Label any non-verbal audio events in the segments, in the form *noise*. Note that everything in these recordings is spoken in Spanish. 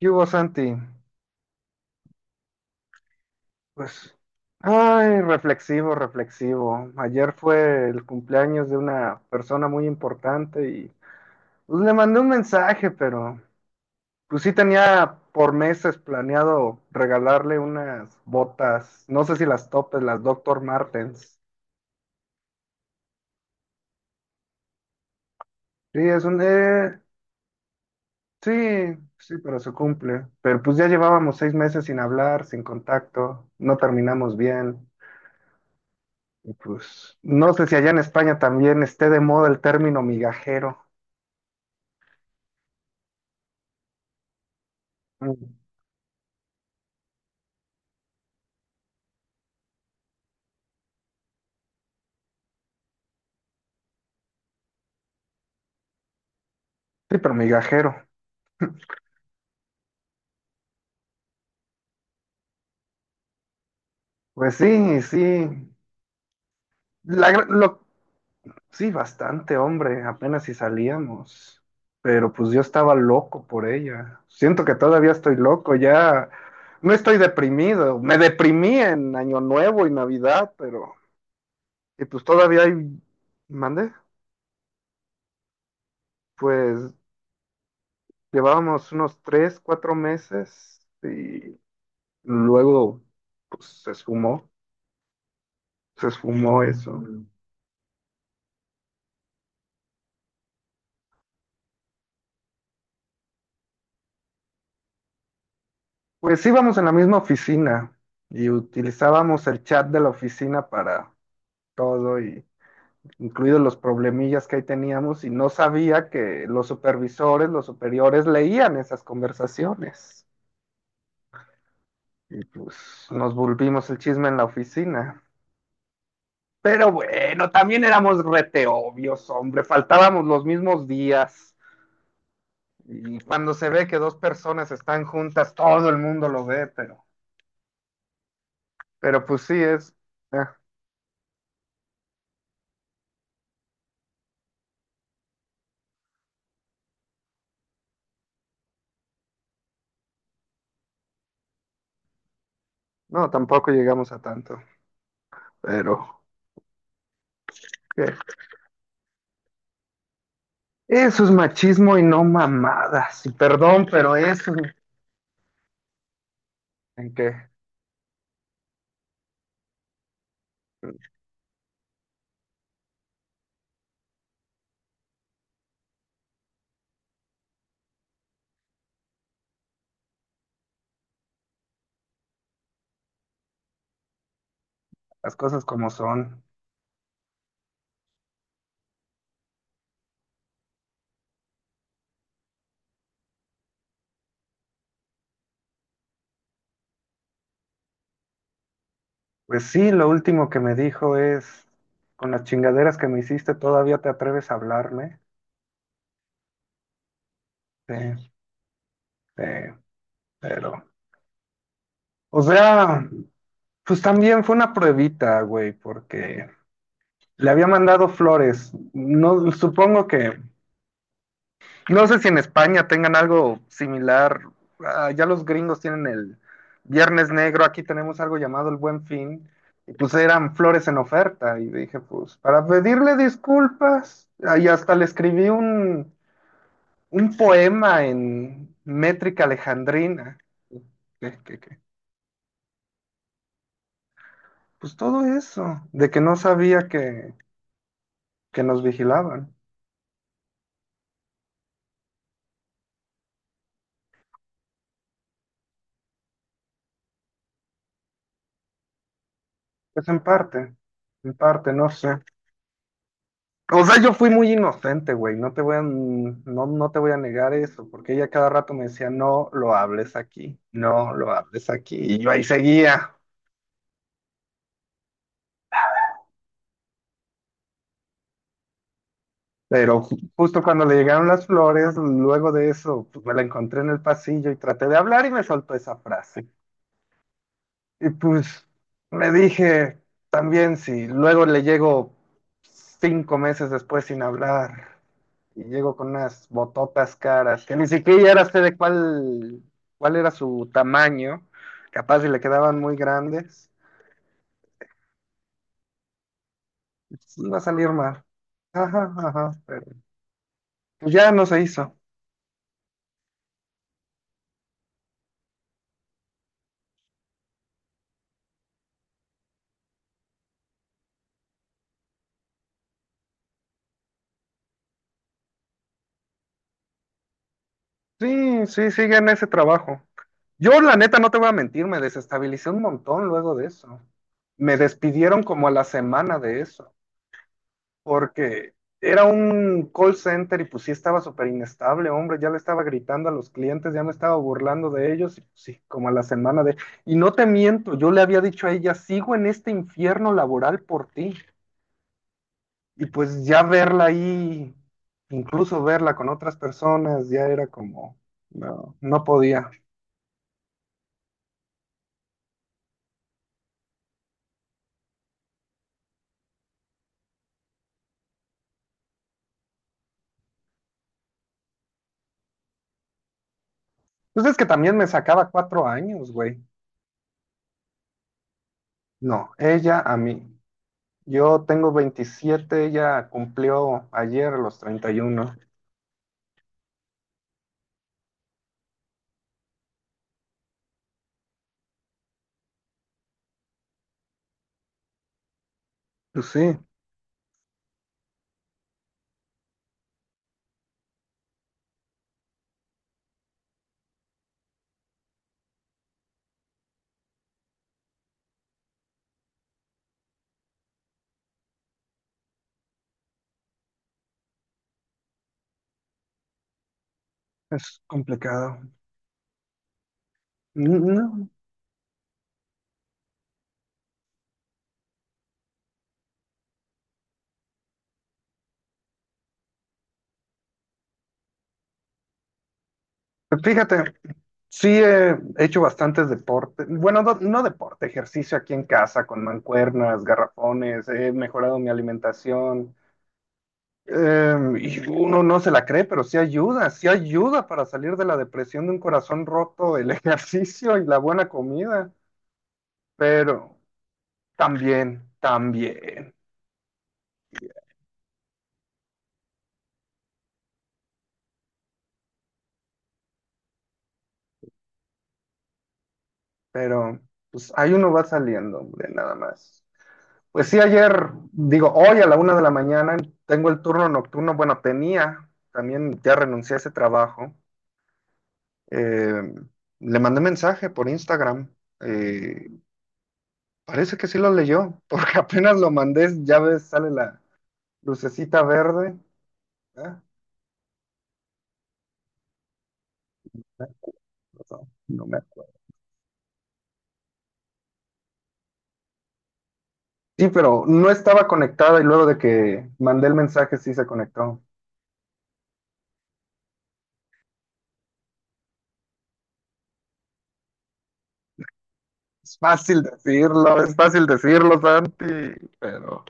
¿Qué hubo, Santi? Pues, ay, reflexivo, reflexivo. Ayer fue el cumpleaños de una persona muy importante y pues, le mandé un mensaje, pero pues sí tenía por meses planeado regalarle unas botas, no sé si las topes, las Doctor Martens. Sí, sí, sí, pero se cumple. Pero pues ya llevábamos 6 meses sin hablar, sin contacto, no terminamos bien. Y pues, no sé si allá en España también esté de moda el término migajero. Mm. Sí, pero migajero. Pues sí, sí. La gra- lo- sí, bastante, hombre, apenas si salíamos. Pero pues yo estaba loco por ella. Siento que todavía estoy loco, ya no estoy deprimido. Me deprimí en Año Nuevo y Navidad, pero... Y pues todavía hay... ¿Mandé? Pues llevábamos unos 3, 4 meses. Luego, pues se esfumó eso. Pues íbamos en la misma oficina y utilizábamos el chat de la oficina para todo, y incluidos los problemillas que ahí teníamos, y no sabía que los supervisores, los superiores leían esas conversaciones. Y pues nos volvimos el chisme en la oficina. Pero bueno, también éramos rete obvios, hombre, faltábamos los mismos días. Y cuando se ve que dos personas están juntas, todo el mundo lo ve, pero pues sí es. eh, no, tampoco llegamos a tanto. Pero ¿qué? Eso es machismo y no mamadas. Y perdón, pero eso en que las cosas como son. Pues sí, lo último que me dijo es, con las chingaderas que me hiciste, todavía te atreves a hablarme. Sí, sí, pero, o sea, pues también fue una pruebita, güey, porque le había mandado flores. No, supongo que. No sé si en España tengan algo similar. Ah, ya los gringos tienen el Viernes Negro. Aquí tenemos algo llamado el Buen Fin. Y pues eran flores en oferta. Y dije, pues, para pedirle disculpas. Ah, y hasta le escribí un poema en métrica alejandrina. ¿Qué, qué, qué? Pues todo eso. De que no sabía que nos vigilaban. Pues en parte. En parte, no sé. O sea, yo fui muy inocente, güey, no te voy a, no, no te voy a negar eso, porque ella cada rato me decía, no lo hables aquí, no lo hables aquí, y yo ahí seguía. Pero justo cuando le llegaron las flores, luego de eso, pues, me la encontré en el pasillo y traté de hablar y me soltó esa frase. Y pues me dije, también si luego le llego 5 meses después sin hablar, y llego con unas bototas caras, que ni siquiera era sé de cuál era su tamaño. Capaz si le quedaban muy grandes, pues iba a salir mal. Ajá, ajá, pero pues ya no se hizo. Sí, sí, sigue en ese trabajo. Yo, la neta, no te voy a mentir, me desestabilicé un montón luego de eso. Me despidieron como a la semana de eso. Porque era un call center y pues sí estaba súper inestable, hombre, ya le estaba gritando a los clientes, ya me estaba burlando de ellos, y pues, sí, como a la semana de... Y no te miento, yo le había dicho a ella, sigo en este infierno laboral por ti, y pues ya verla ahí, incluso verla con otras personas, ya era como, no, no podía. Pues es que también me sacaba 4 años, güey. No, ella a mí. Yo tengo 27. Ella cumplió ayer los 31. Pues sí, es complicado. No, pues fíjate, sí he hecho bastantes deportes. Bueno, no, no deporte, ejercicio aquí en casa con mancuernas, garrafones, he mejorado mi alimentación. Y uno no se la cree, pero sí ayuda para salir de la depresión de un corazón roto, el *laughs* ejercicio y la buena comida. Pero también, también, pero pues ahí uno va saliendo, hombre, nada más. Pues sí, ayer, digo, hoy a la 1 de la mañana tengo el turno nocturno. Bueno, tenía, también ya renuncié a ese trabajo. Eh, Le mandé mensaje por Instagram. Eh, Parece que sí lo leyó, porque *laughs* apenas lo mandé, ya ves, sale la lucecita verde. Ah, ah, pasó, no me- Sí, pero no estaba conectada y luego de que mandé el mensaje sí se conectó. Es fácil decirlo, Santi, pero,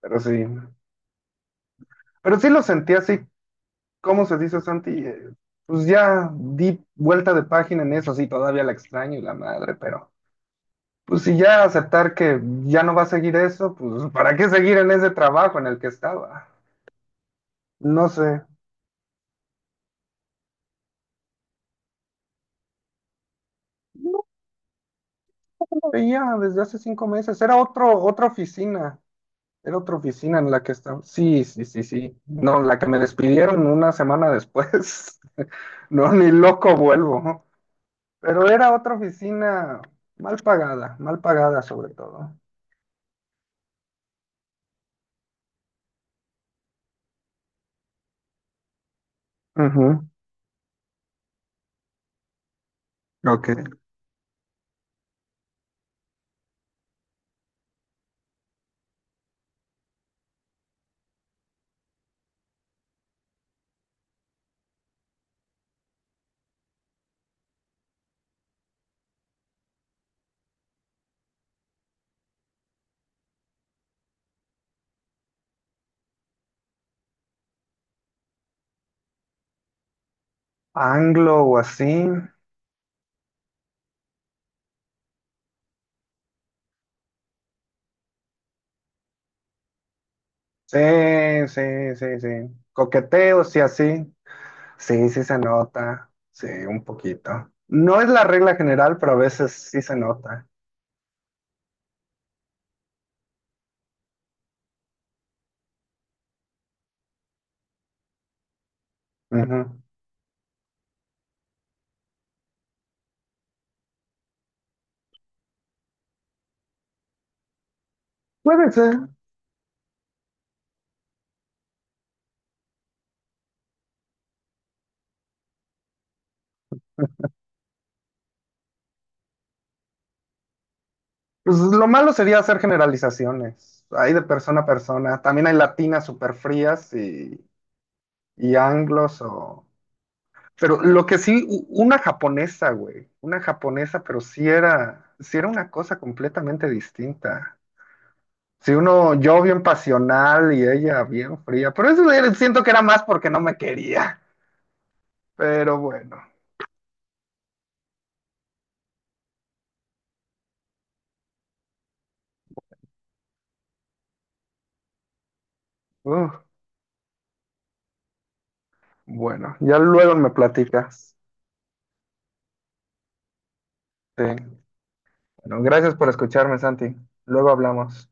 pero sí. Pero sí lo sentí así. ¿Cómo se dice, Santi? Pues ya di vuelta de página en eso, sí, todavía la extraño y la madre, pero pues si ya aceptar que ya no va a seguir eso, pues ¿para qué seguir en ese trabajo en el que estaba? No sé. No veía desde hace 5 meses, era otro, otra oficina, era otra oficina en la que estaba. Sí, sí, sí, sí. No, la que me despidieron una semana después. *laughs* No, ni loco vuelvo. Pero era otra oficina mal pagada sobre todo. Ujú. Ok. Anglo o así. Sí, sí, sí, sí. Coqueteo, sí, así. Sí, sí se nota. Sí, un poquito. No es la regla general, pero a veces sí se nota. Ujú. Puede ser. Pues lo malo sería hacer generalizaciones. Hay de persona a persona. También hay latinas súper frías y anglos o... Pero lo que sí, una japonesa, güey. Una japonesa, pero sí era una cosa completamente distinta. Si uno, yo bien pasional y ella bien fría, pero siento que era más porque no me quería. Pero bueno, uf, bueno, ya luego me platicas. Sí. Bueno, gracias por escucharme, Santi. Luego hablamos.